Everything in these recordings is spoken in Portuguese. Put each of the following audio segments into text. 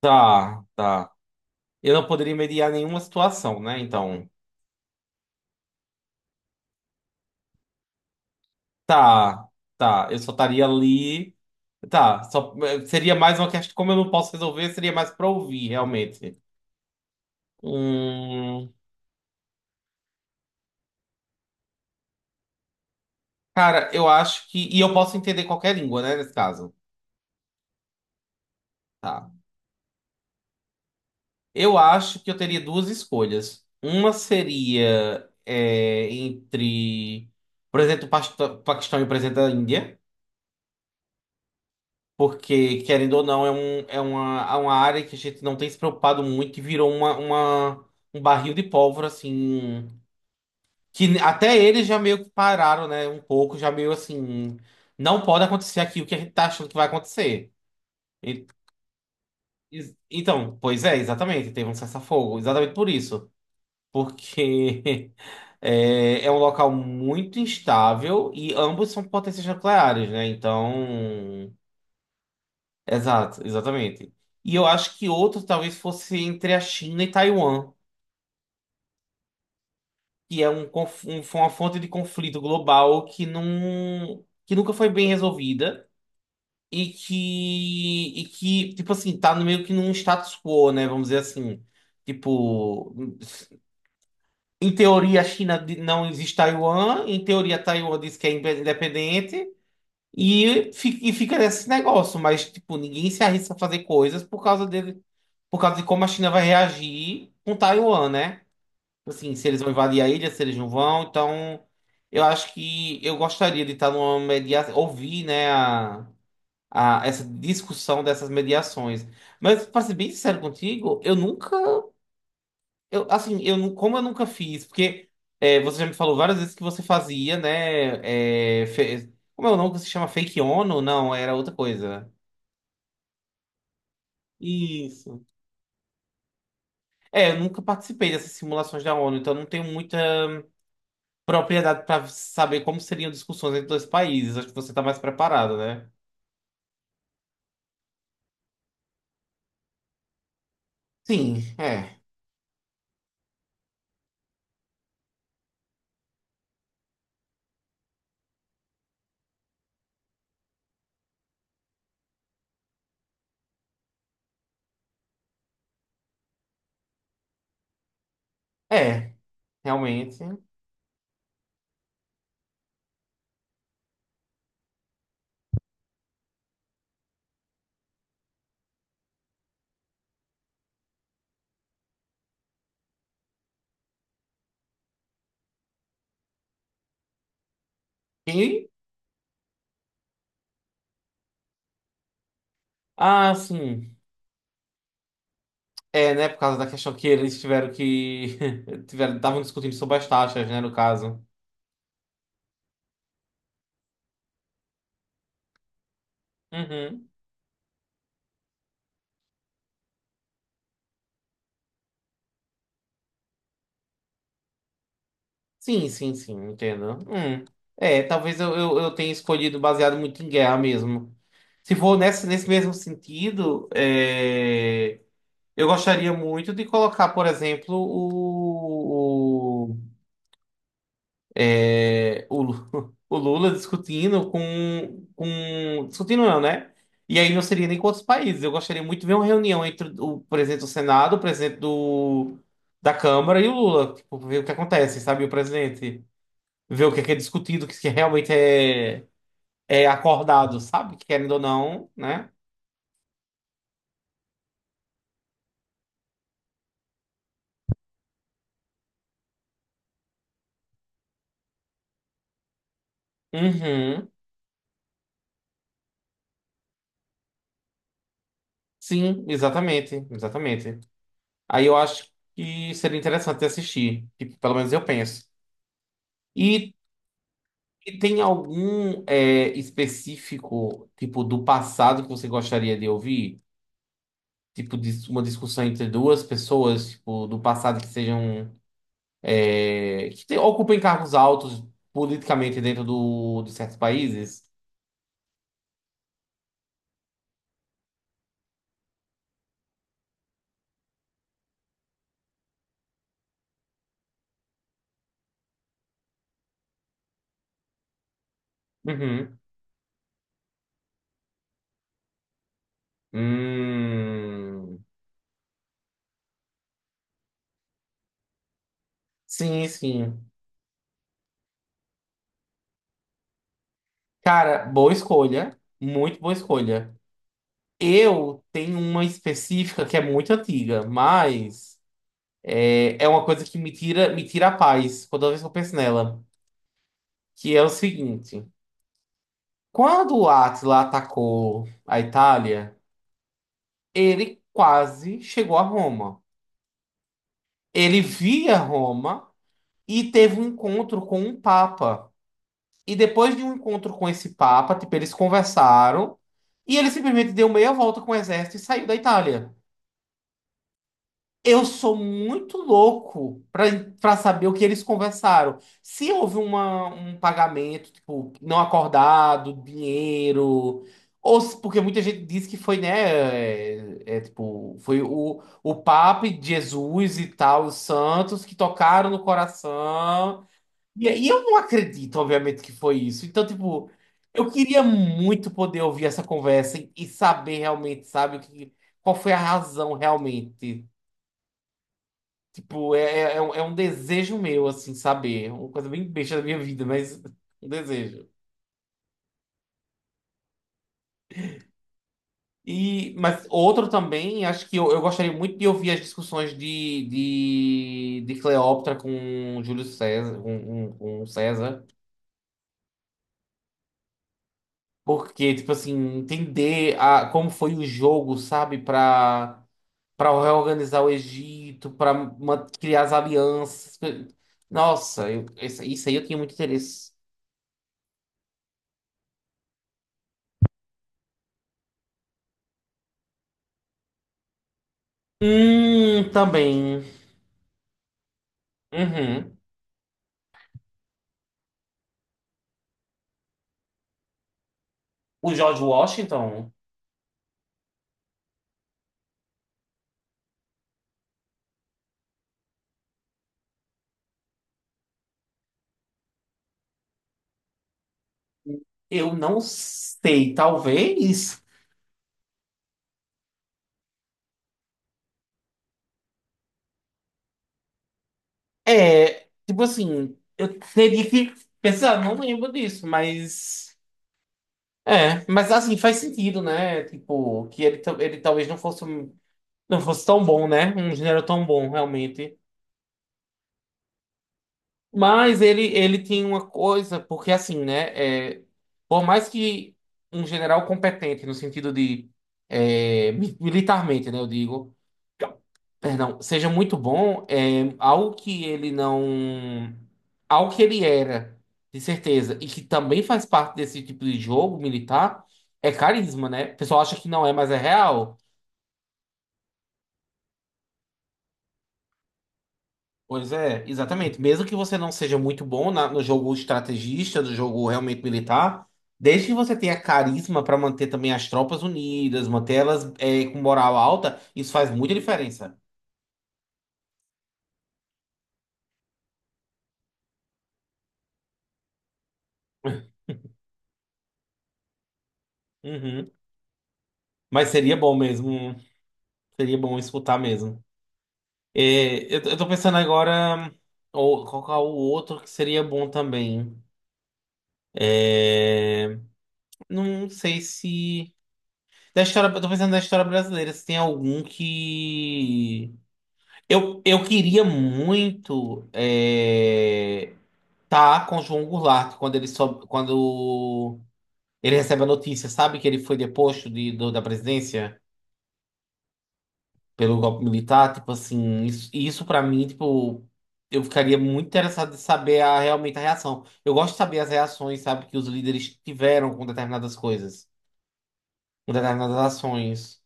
Tá, tá. Eu não poderia mediar nenhuma situação, né? Então, tá, tá. Eu só estaria ali. Tá, só seria mais uma questão. Como eu não posso resolver, seria mais pra ouvir, realmente. Hum, cara, eu acho que. E eu posso entender qualquer língua, né? Nesse caso. Tá. Eu acho que eu teria duas escolhas. Uma seria entre, por exemplo, o Paquistão e o presidente da Índia. Porque, querendo ou não, é uma área que a gente não tem se preocupado muito e virou um barril de pólvora, assim. Que até eles já meio que pararam, né? Um pouco, já meio assim. Não pode acontecer aquilo que a gente tá achando que vai acontecer. E- então, pois é, exatamente. Teve um cessar-fogo. Exatamente por isso. Porque é, é um local muito instável e ambos são potências nucleares, né? Então. Exato, exatamente. E eu acho que outro talvez fosse entre a China e Taiwan, que é foi uma fonte de conflito global que nunca foi bem resolvida e tipo assim, tá no meio que num status quo, né? Vamos dizer assim. Tipo, em teoria a não existe Taiwan, em teoria Taiwan diz que é independente. E fica nesse negócio, mas tipo, ninguém se arrisca a fazer coisas por causa dele, por causa de como a China vai reagir com Taiwan, né? Assim, se eles vão invadir a ilha, se eles não vão, então eu acho que eu gostaria de estar numa mediação, ouvir, né, essa discussão dessas mediações. Mas para ser bem sincero contigo, eu nunca eu, assim, eu, nu- como eu nunca fiz, porque é, você já me falou várias vezes que você fazia, né? Como é o nome que se chama Fake ONU? Não, era outra coisa. Isso. É, eu nunca participei dessas simulações da ONU, então eu não tenho muita propriedade para saber como seriam discussões entre dois países. Acho que você tá mais preparado, né? Sim, é. É, realmente. E, ah, sim. É, né? Por causa da questão que eles tiveram que. Tiveram, estavam discutindo sobre as taxas, né? No caso. Uhum. Sim, sim, sim, entendo. Hum. É, talvez eu tenha escolhido baseado muito em guerra mesmo. Se for nesse mesmo sentido, é, eu gostaria muito de colocar, por exemplo, o o Lula discutindo com. Discutindo não, né? E aí não seria nem com outros países. Eu gostaria muito de ver uma reunião entre o presidente do Senado, o presidente do, da Câmara e o Lula. Tipo, ver o que acontece, sabe? O presidente ver o que é discutido, o que realmente é, é acordado, sabe? Querendo ou não, né? Uhum. Sim, exatamente, exatamente. Aí eu acho que seria interessante assistir, tipo, pelo menos eu penso. E, e tem algum é, específico, tipo, do passado que você gostaria de ouvir? Tipo, uma discussão entre duas pessoas, tipo, do passado que sejam... é, que ocupem cargos altos politicamente dentro do, de certos países? Uhum. Hum, sim, sim. Cara, boa escolha. Muito boa escolha. Eu tenho uma específica que é muito antiga, mas é, é uma coisa que me tira a paz toda vez que eu penso nela. Que é o seguinte: quando o Átila atacou a Itália, ele quase chegou a Roma. Ele via Roma e teve um encontro com um Papa. E depois de um encontro com esse Papa, tipo, eles conversaram e ele simplesmente deu meia volta com o exército e saiu da Itália. Eu sou muito louco pra para saber o que eles conversaram. Se houve uma, um pagamento, tipo, não acordado, dinheiro, ou se- porque muita gente diz que foi, né, tipo, foi o Papa e Jesus e tal, os santos que tocaram no coração. E aí eu não acredito, obviamente, que foi isso. Então, tipo, eu queria muito poder ouvir essa conversa e saber realmente, sabe, o que, qual foi a razão realmente. Tipo, é um desejo meu, assim, saber. É uma coisa bem besta da minha vida, mas um desejo. E, mas outro também, acho que eu gostaria muito de ouvir as discussões de Cleópatra com Júlio César, com com César. Porque, tipo assim, como foi o jogo, sabe? Pra, pra reorganizar o Egito, pra criar as alianças. Nossa, isso aí eu tinha muito interesse. Também. Uhum. O George Washington, eu não sei, talvez. É, tipo assim, eu teria que pensar, não lembro disso, mas. É, mas assim, faz sentido, né? Tipo, que ele talvez não fosse tão bom, né? Um gênero tão bom, realmente. Mas ele tinha uma coisa, porque assim, né? é, por mais que um general competente, no sentido de é, militarmente, né? Eu digo, perdão, seja muito bom, é, algo que ele não. Algo que ele era, de certeza, e que também faz parte desse tipo de jogo militar, é carisma, né? O pessoal acha que não é, mas é real. Pois é, exatamente. Mesmo que você não seja muito bom no jogo estrategista, no jogo realmente militar, desde que você tenha carisma para manter também as tropas unidas, manter elas é, com moral alta, isso faz muita diferença. Uhum. Mas seria bom mesmo, seria bom escutar mesmo. É, eu tô pensando agora, ou qual que é o outro que seria bom também? É, não sei se. Da história, eu tô pensando da história brasileira, se tem algum que. Eu queria muito estar com o João Goulart quando ele soube, quando ele recebe a notícia, sabe que ele foi deposto da presidência pelo golpe militar, tipo assim, isso para mim, tipo, eu ficaria muito interessado de saber a, realmente a reação. Eu gosto de saber as reações, sabe, que os líderes tiveram com determinadas coisas, com determinadas ações.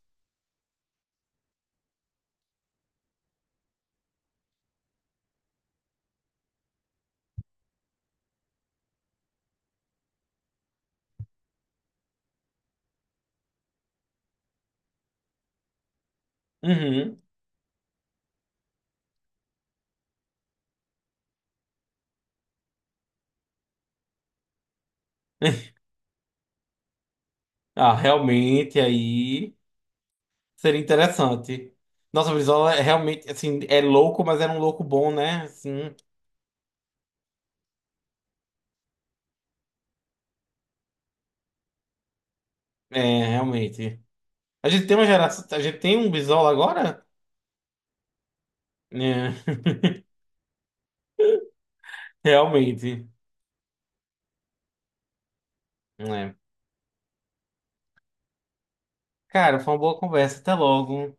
Uhum. Ah, realmente aí. Seria interessante. Nossa, o Brizola é realmente, assim, é louco, mas era um louco bom, né? Assim, é, realmente. A gente tem uma geração, a gente tem um Brizola agora? É, realmente. É. Cara, foi uma boa conversa. Até logo.